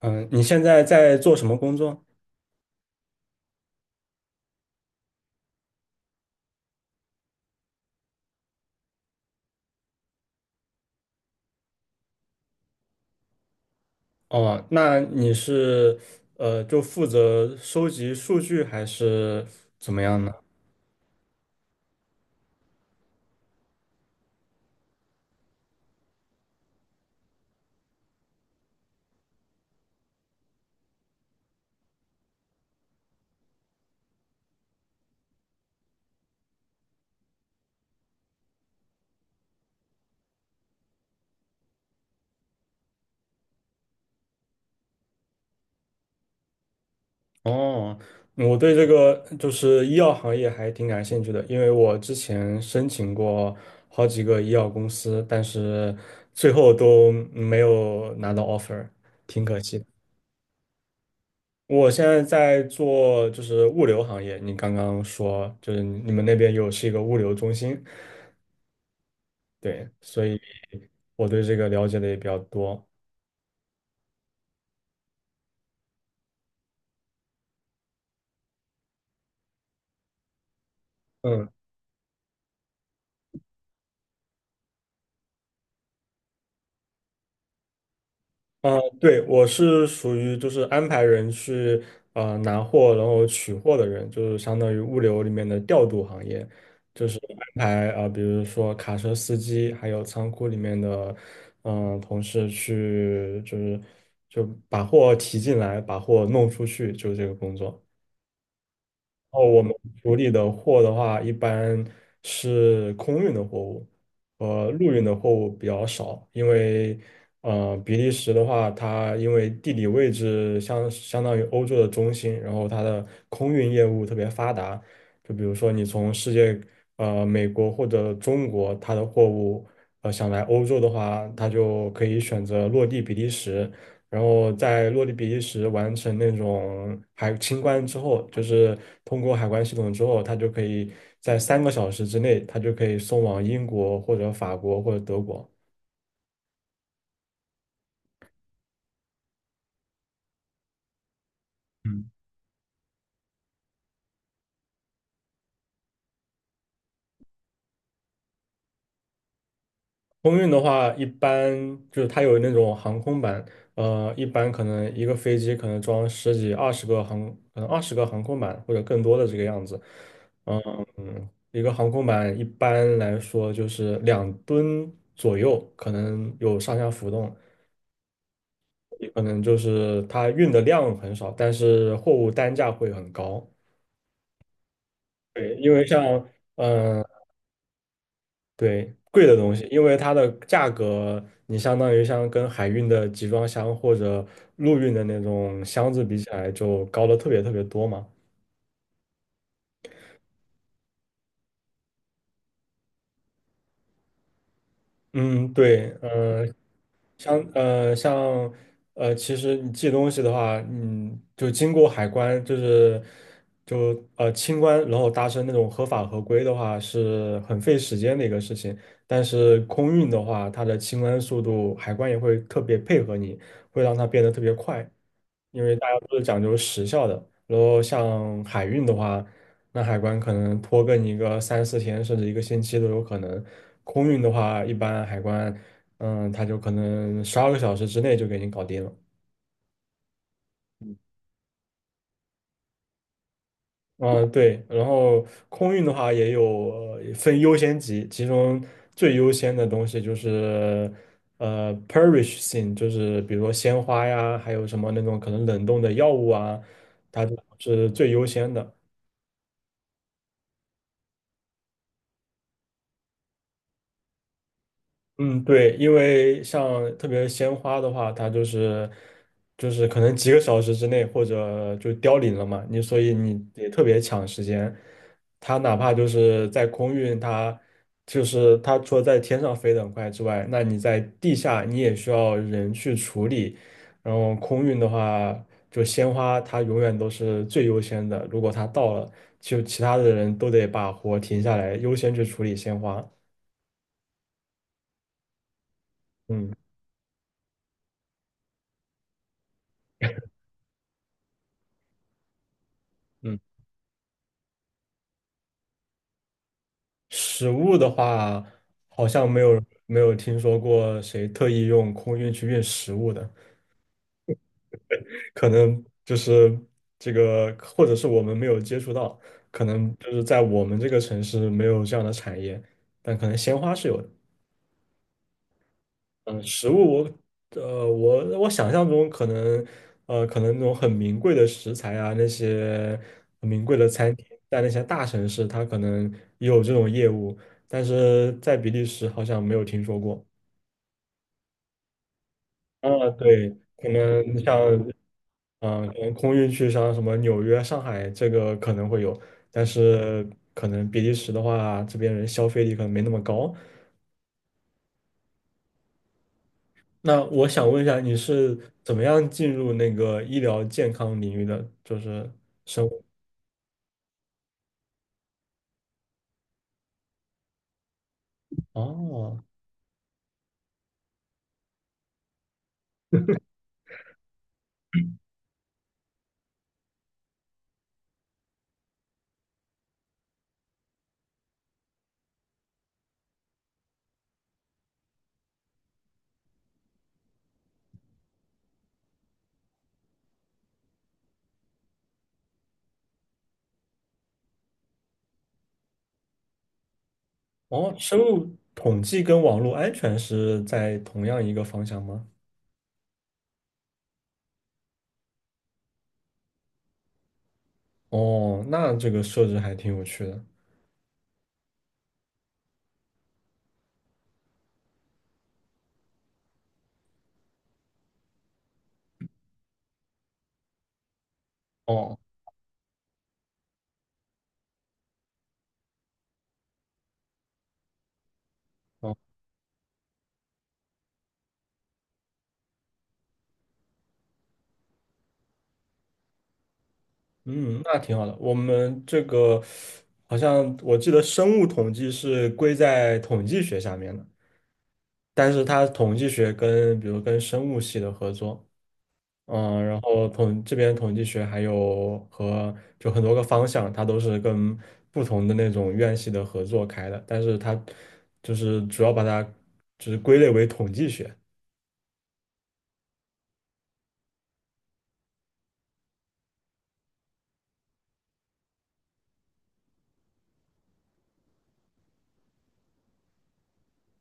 嗯，你现在在做什么工作？哦，那你是就负责收集数据还是怎么样呢？哦，我对这个就是医药行业还挺感兴趣的，因为我之前申请过好几个医药公司，但是最后都没有拿到 offer，挺可惜的。我现在在做就是物流行业，你刚刚说就是你们那边有是一个物流中心，对。所以。我对这个了解的也比较多。嗯对，我是属于就是安排人去拿货，然后取货的人，就是相当于物流里面的调度行业，就是安排啊、比如说卡车司机，还有仓库里面的同事去，就是就把货提进来，把货弄出去，就是这个工作。哦，我们处理的货的话，一般是空运的货物，陆运的货物比较少，因为比利时的话，它因为地理位置相当于欧洲的中心，然后它的空运业务特别发达。就比如说你从世界美国或者中国，它的货物想来欧洲的话，它就可以选择落地比利时，然后在落地比利时完成那种海清关之后，就是通过海关系统之后，它就可以在3个小时之内，它就可以送往英国或者法国或者德国。嗯空运的话，一般就是它有那种航空版，一般可能一个飞机可能装十几、二十个航，可能20个航空板或者更多的这个样子。一个航空板一般来说就是2吨左右，可能有上下浮动。也可能就是它运的量很少，但是货物单价会很高。对，因为像嗯、呃对，贵的东西，因为它的价格，你相当于像跟海运的集装箱或者陆运的那种箱子比起来，就高了特别特别多嘛。嗯，对，像，其实你寄东西的话，嗯，就经过海关，就是清关，然后达成那种合法合规的话，是很费时间的一个事情。但是空运的话，它的清关速度，海关也会特别配合你，会让它变得特别快。因为大家都是讲究时效的。然后像海运的话，那海关可能拖更一个三四天，甚至一个星期都有可能。空运的话，一般海关，他就可能12个小时之内就给你搞定了。嗯，对。然后空运的话也有分优先级，其中最优先的东西就是perish thing，就是比如说鲜花呀，还有什么那种可能冷冻的药物啊，它是最优先的。嗯，对，因为像特别鲜花的话，它就是可能几个小时之内或者就凋零了嘛，你所以你也特别抢时间。它哪怕就是在空运，它就是它除了在天上飞得很快之外，那你在地下你也需要人去处理。然后空运的话，就鲜花它永远都是最优先的，如果它到了，就其他的人都得把活停下来，优先去处理鲜花。嗯嗯。食物的话，好像没有听说过谁特意用空运去运食物的，可能就是这个，或者是我们没有接触到，可能就是在我们这个城市没有这样的产业，但可能鲜花是有的。嗯，食物我想象中可能那种很名贵的食材啊，那些很名贵的餐厅，在那些大城市它可能也有这种业务，但是在比利时好像没有听说过。啊，对，可能像，嗯、可能空运去像什么纽约、上海这个可能会有，但是可能比利时的话，这边人消费力可能没那么高。那我想问一下，你是怎么样进入那个医疗健康领域的？就是生物，哦，哦，生物统计跟网络安全是在同样一个方向吗？哦，那这个设置还挺有趣的。哦哦。嗯，那挺好的。我们这个好像我记得生物统计是归在统计学下面的，但是它统计学跟比如跟生物系的合作，嗯，然后统这边统计学还有和就很多个方向，它都是跟不同的那种院系的合作开的，但是它就是主要把它就是归类为统计学。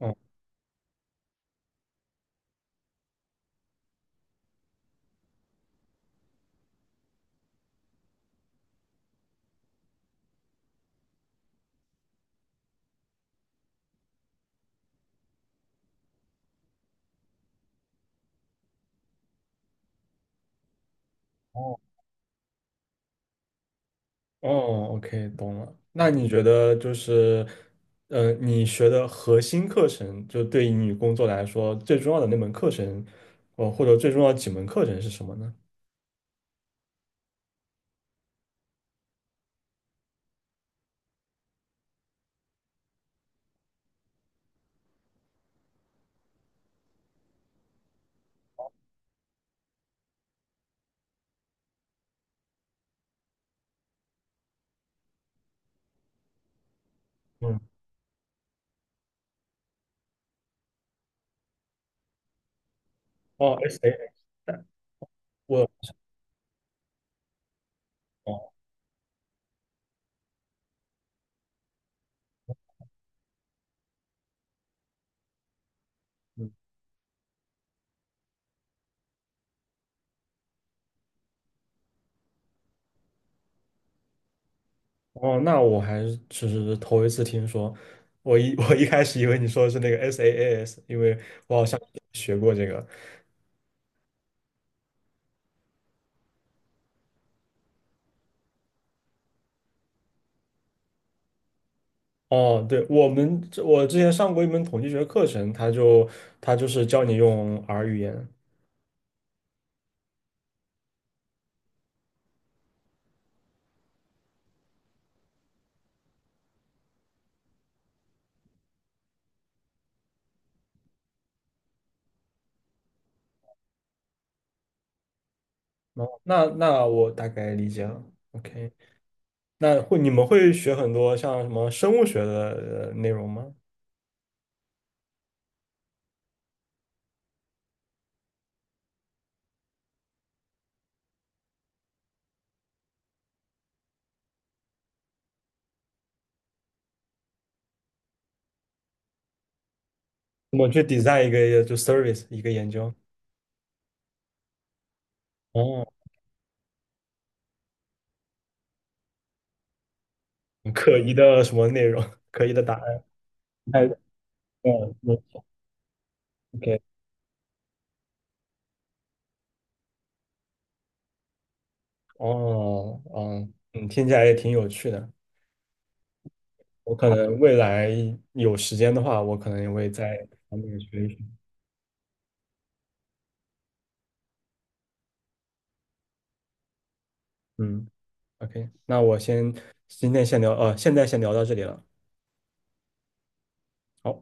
嗯哦，OK，懂了。那你觉得就是，你学的核心课程，就对于你工作来说最重要的那门课程，哦，或者最重要几门课程是什么呢？嗯，哦，S A，我，哦，嗯哦 S A 我哦哦那我还是只是头一次听说。我一 我一开始以为你说的是那个 SaaS，因为我好像学过这个。哦，对，我们我之前上过一门统计学课程，它就它就是教你用 R 语言，哦，那那我大概理解了。OK，那会你们会学很多像什么生物学的内容吗？怎么去 design 一个service 一个研究？哦，可疑的什么内容？可疑的答案？哎，嗯 OK 哦，嗯嗯，听起来也挺有趣的。我可能未来有时间的话，我可能也会在这方面学一学。嗯，OK，那我先今天先聊，现在先聊到这里了。好。